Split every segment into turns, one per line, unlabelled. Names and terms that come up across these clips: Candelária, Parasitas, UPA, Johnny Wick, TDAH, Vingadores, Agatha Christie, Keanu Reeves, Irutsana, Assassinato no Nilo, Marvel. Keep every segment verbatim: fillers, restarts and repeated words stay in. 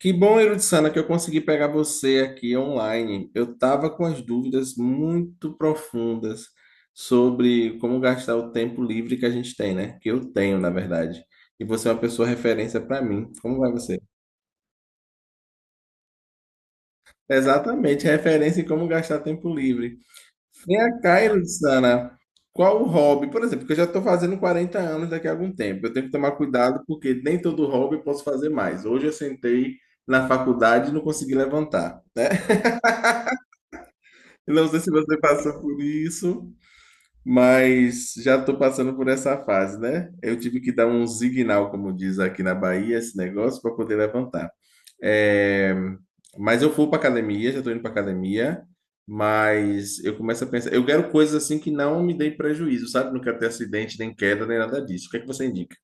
Que bom, Irutsana, que eu consegui pegar você aqui online. Eu estava com as dúvidas muito profundas sobre como gastar o tempo livre que a gente tem, né? Que eu tenho, na verdade. E você é uma pessoa referência para mim. Como vai você? Exatamente, referência em como gastar tempo livre. Vem cá, Irutsana, qual o hobby? Por exemplo, que eu já estou fazendo quarenta anos daqui a algum tempo. Eu tenho que tomar cuidado porque nem todo hobby eu posso fazer mais. Hoje eu sentei na faculdade e não consegui levantar. Não sei se você passou por isso, mas já estou passando por essa fase, né? Eu tive que dar um signal, como diz aqui na Bahia, esse negócio, para poder levantar. É, mas eu fui para academia, já estou indo para academia, mas eu começo a pensar, eu quero coisas assim que não me deem prejuízo, sabe? Não quero ter acidente, nem queda, nem nada disso. O que é que você indica?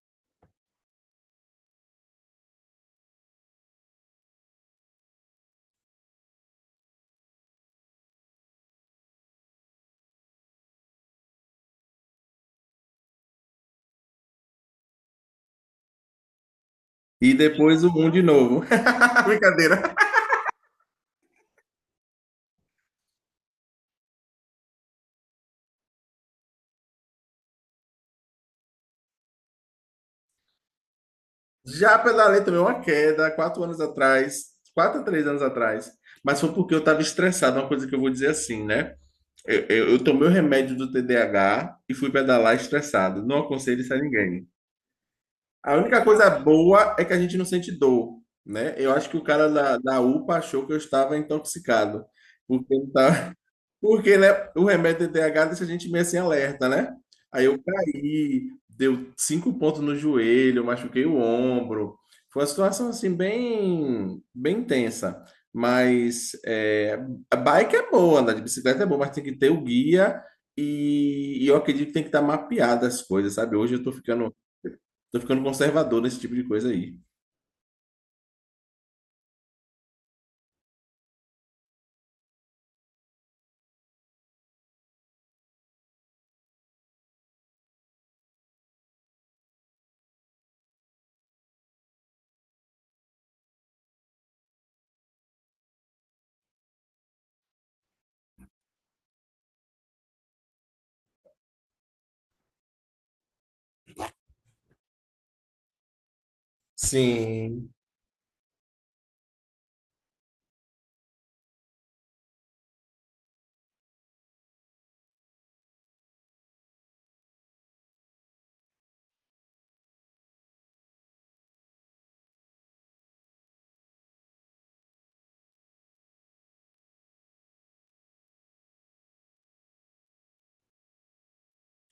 E depois o um de novo. Brincadeira. Já pela lei também uma queda, quatro anos atrás, quatro a três anos atrás. Mas foi porque eu estava estressado, uma coisa que eu vou dizer assim, né? Eu, eu, eu tomei o remédio do T D A H e fui pedalar estressado. Não aconselho isso a ninguém. A única coisa boa é que a gente não sente dor, né? Eu acho que o cara da, da UPA achou que eu estava intoxicado, porque ele estava porque, né, o remédio T D A H deixa a gente meio assim alerta, né? Aí eu caí, deu cinco pontos no joelho, eu machuquei o ombro. Foi uma situação assim bem, bem tensa. Mas é, a bike é boa, andar de bicicleta é boa, mas tem que ter o guia e, e eu acredito que tem que estar mapeada as coisas, sabe? Hoje eu tô ficando, tô ficando conservador nesse tipo de coisa aí. Sim.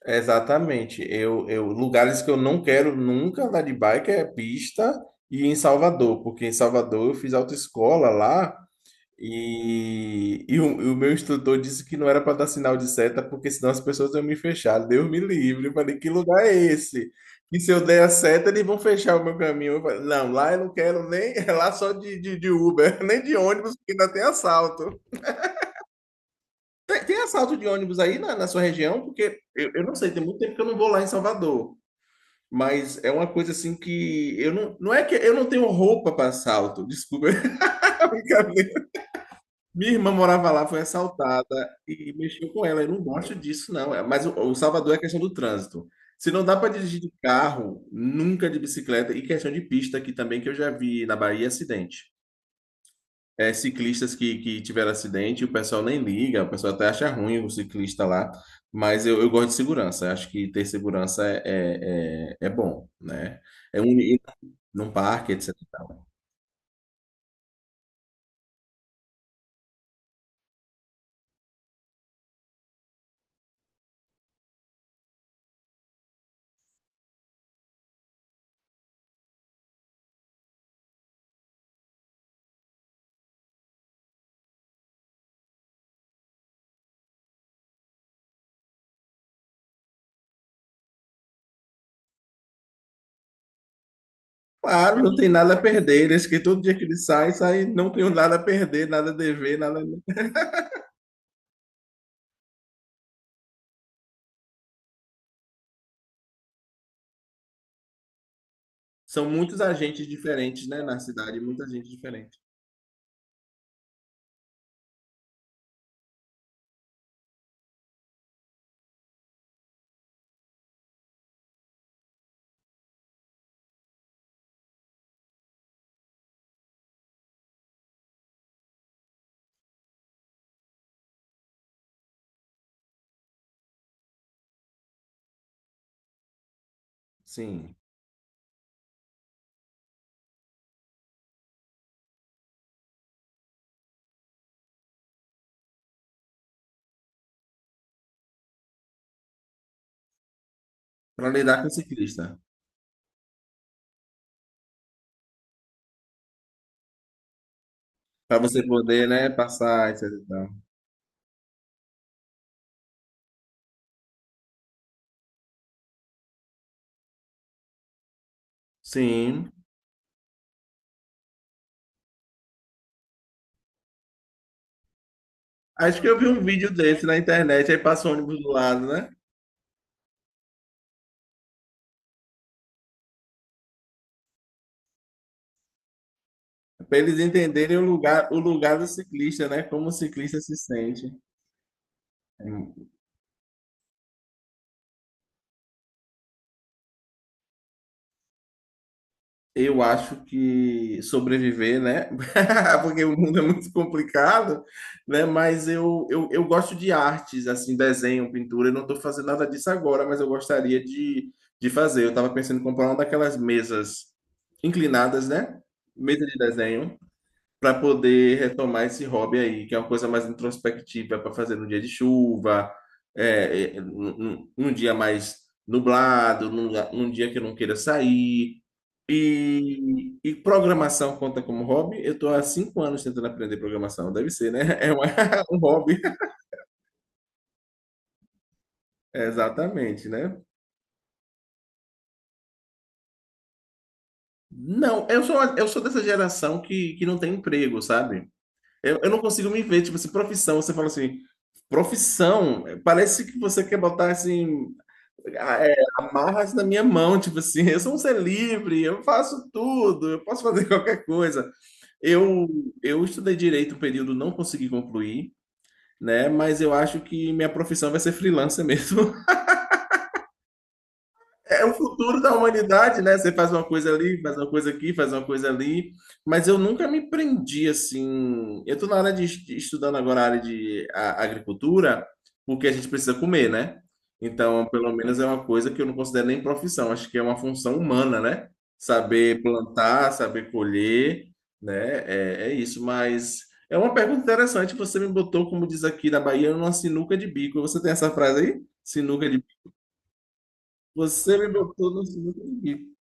Exatamente. Eu, eu, lugares que eu não quero nunca andar de bike é pista e em Salvador, porque em Salvador eu fiz autoescola lá e, e o, e o meu instrutor disse que não era para dar sinal de seta, porque senão as pessoas iam me fechar. Deus me livre. Eu falei, que lugar é esse? E se eu der a seta, eles vão fechar o meu caminho. Eu falei, não, lá eu não quero nem, é lá só de, de, de Uber, nem de ônibus, porque ainda tem assalto. Tem, tem assalto de ônibus aí na, na sua região? Porque eu, eu não sei, tem muito tempo que eu não vou lá em Salvador. Mas é uma coisa assim que eu não, não é que eu não tenho roupa para assalto, desculpa. Brincadeira. Minha irmã morava lá, foi assaltada e mexeu com ela. Eu não gosto disso, não. É, mas o, o Salvador é questão do trânsito. Se não dá para dirigir de carro, nunca de bicicleta e questão de pista aqui também que eu já vi na Bahia acidente. É, ciclistas que, que tiveram acidente, o pessoal nem liga, o pessoal até acha ruim o ciclista lá. Mas eu, eu gosto de segurança. Eu Acho que ter segurança é, é, é é bom, né? É um, num parque, et cetera e tal. Claro, não tem nada a perder. Eles que todo dia que eles saem, saem, não tem nada a perder, nada a dever, nada. São muitos agentes diferentes, né, na cidade, muita gente diferente. Sim, para lidar com o ciclista, para você poder, né, passar, et cetera e tal. Sim. Acho que eu vi um vídeo desse na internet, aí passa o ônibus do lado, né? Para eles entenderem o lugar, o lugar do ciclista, né? Como o ciclista se sente. Eu acho que sobreviver, né? Porque o mundo é muito complicado, né? Mas eu, eu, eu gosto de artes, assim, desenho, pintura. Eu não estou fazendo nada disso agora, mas eu gostaria de, de fazer. Eu estava pensando em comprar uma daquelas mesas inclinadas, né? Mesa de desenho para poder retomar esse hobby aí, que é uma coisa mais introspectiva para fazer no dia de chuva, é, é, num, num dia mais nublado, num, lugar- num dia que eu não queira sair. E, e programação conta como hobby? Eu estou há cinco anos tentando aprender programação, deve ser, né? É uma- um hobby. Exatamente, né? Não, eu sou, eu sou dessa geração que, que não tem emprego, sabe? Eu, eu não consigo me ver, tipo assim, profissão, você fala assim, profissão, parece que você quer botar assim, a- é, amarras na minha mão, tipo assim, eu sou um ser livre, eu faço tudo, eu posso fazer qualquer coisa. Eu, eu estudei direito um período, não consegui concluir, né? Mas eu acho que minha profissão vai ser freelancer mesmo. É o futuro da humanidade, né? Você faz uma coisa ali, faz uma coisa aqui, faz uma coisa ali. Mas eu nunca me prendi assim. Eu estou na área de de- estudando agora a área de a- agricultura, porque a gente precisa comer, né? Então, pelo menos é uma coisa que eu não considero nem profissão, acho que é uma função humana, né? Saber plantar, saber colher, né? É, é isso, mas é uma pergunta interessante. Você me botou, como diz aqui na Bahia, numa sinuca de bico. Você tem essa frase aí? Sinuca de você me botou no sinuca de bico.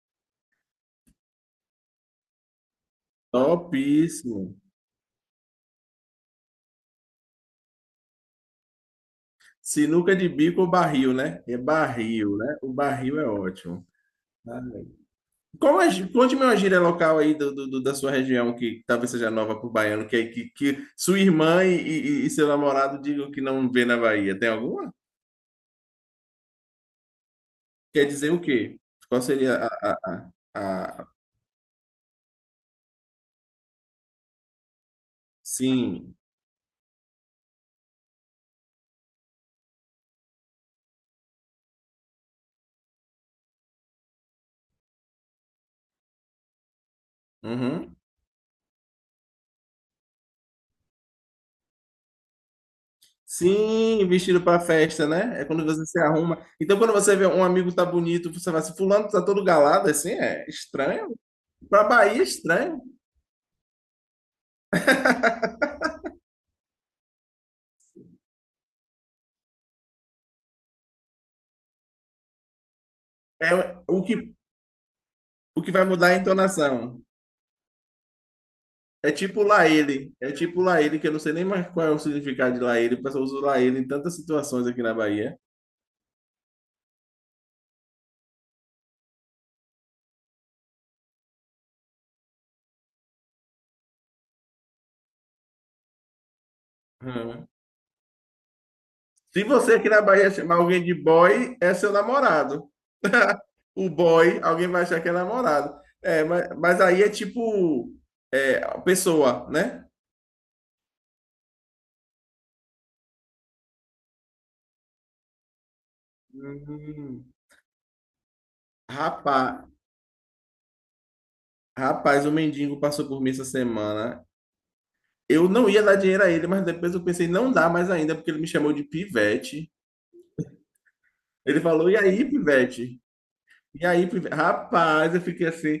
Topíssimo. Sinuca de bico ou barril, né? É barril, né? O barril é ótimo. Ah, qual é, conte-me uma gíria local aí do, do- do- da sua região que talvez seja nova para o baiano, que, é, que, que sua irmã e, e- e seu namorado digam que não vê na Bahia. Tem alguma? Quer dizer o quê? Qual seria a... a, a, a... Sim. Uhum. Sim, vestido para festa, né? É quando você se arruma. Então, quando você vê um amigo tá bonito, você vai assim, fulano tá todo galado, assim, é estranho. Pra Bahia, é estranho. É o que, o que vai mudar é a entonação. É tipo lá ele. É tipo lá ele, que eu não sei nem mais qual é o significado de lá ele. O pessoal usa lá ele em tantas situações aqui na Bahia. Se você aqui na Bahia chamar alguém de boy, é seu namorado. O boy, alguém vai achar que é namorado. É, mas, mas aí é tipo é, a pessoa, né? Hum. Rapaz, rapaz, o mendigo passou por mim essa semana. Eu não ia dar dinheiro a ele, mas depois eu pensei, não dá mais ainda, porque ele me chamou de pivete. Ele falou, e aí, pivete? E aí, pivete? Rapaz, eu fiquei assim,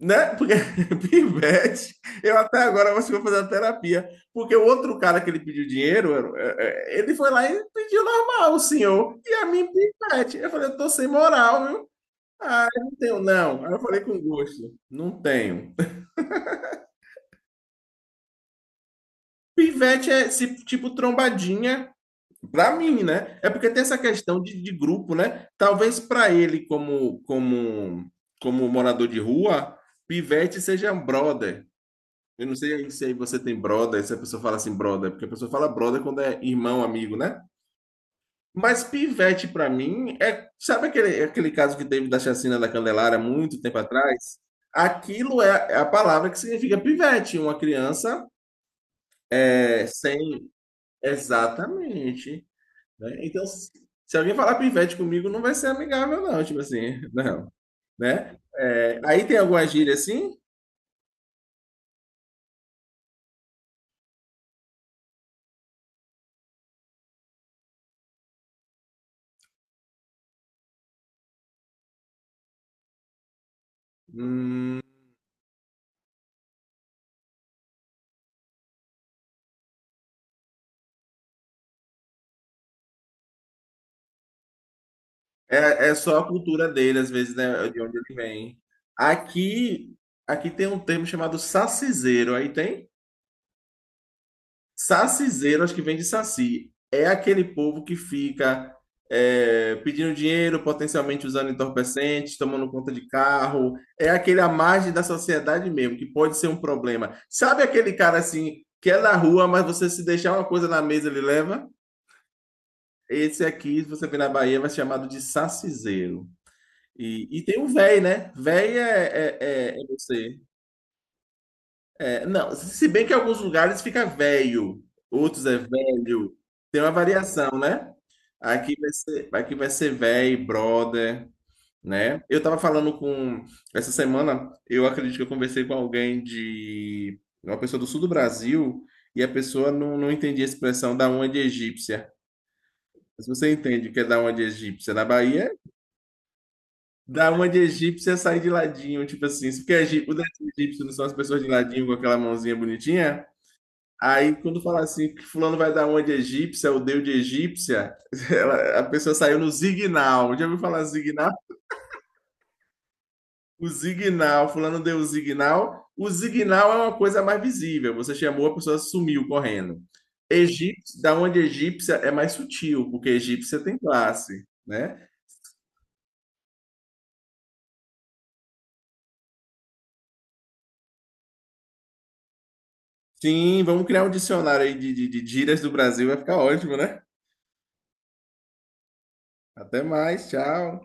né? Porque pivete, eu até agora acho que vou fazer a terapia. Porque o outro cara que ele pediu dinheiro, é, é, ele foi lá e pediu normal, o senhor. E a mim, pivete. Eu falei, eu tô sem moral, viu? Ah, eu não tenho, não. Aí eu falei com gosto, não tenho. Pivete é esse tipo trombadinha, pra mim, né? É porque tem essa questão de, de grupo, né? Talvez pra ele, como, como, como morador de rua, pivete seja um brother. Eu não sei aí se aí você tem brother, se a pessoa fala assim, brother, porque a pessoa fala brother quando é irmão, amigo, né? Mas pivete, pra mim, é. Sabe aquele, aquele caso que teve da chacina da Candelária muito tempo atrás? Aquilo é a palavra que significa pivete, uma criança é, sem. Exatamente. Né? Então, se se alguém falar pivete comigo, não vai ser amigável, não, tipo assim, não. Né? É, aí tem alguma gíria assim? Hum. É, é só a cultura dele, às vezes, né, de onde ele vem. Aqui, aqui tem um termo chamado saciseiro. Aí tem? Saciseiro, acho que vem de saci. É aquele povo que fica é, pedindo dinheiro, potencialmente usando entorpecentes, tomando conta de carro. É aquele à margem da sociedade mesmo, que pode ser um problema. Sabe aquele cara assim, que é na rua, mas você se deixar uma coisa na mesa, ele leva? Esse aqui, se você vir na Bahia, vai ser chamado de saciseiro. E, e tem o véi, né? Véi é, é, é, é você. É, não, se bem que em alguns lugares fica velho, outros é velho. Tem uma variação, né? Aqui vai ser, aqui vai ser véi, brother, né? Eu tava falando com. Essa semana, eu acredito que eu conversei com alguém de. Uma pessoa do sul do Brasil, e a pessoa não, não entendia a expressão da uma de egípcia. Mas você entende o que é da uma de egípcia? Na Bahia dar uma de egípcia e sair de ladinho, tipo assim. Se porque egí- os egípcios não são as pessoas de ladinho com aquela mãozinha bonitinha? Aí, quando fala assim, que fulano vai dar uma de egípcia, ou deu de egípcia, ela- a pessoa saiu no zignal. Já ouviu falar zignal? O zignal, fulano deu o zignal. O zignal é uma coisa mais visível. Você chamou, a pessoa sumiu correndo. Egípcio, da onde egípcia é mais sutil, porque egípcia tem classe, né? Sim, vamos criar um dicionário aí de, de, de gírias do Brasil, vai ficar ótimo, né? Até mais, tchau.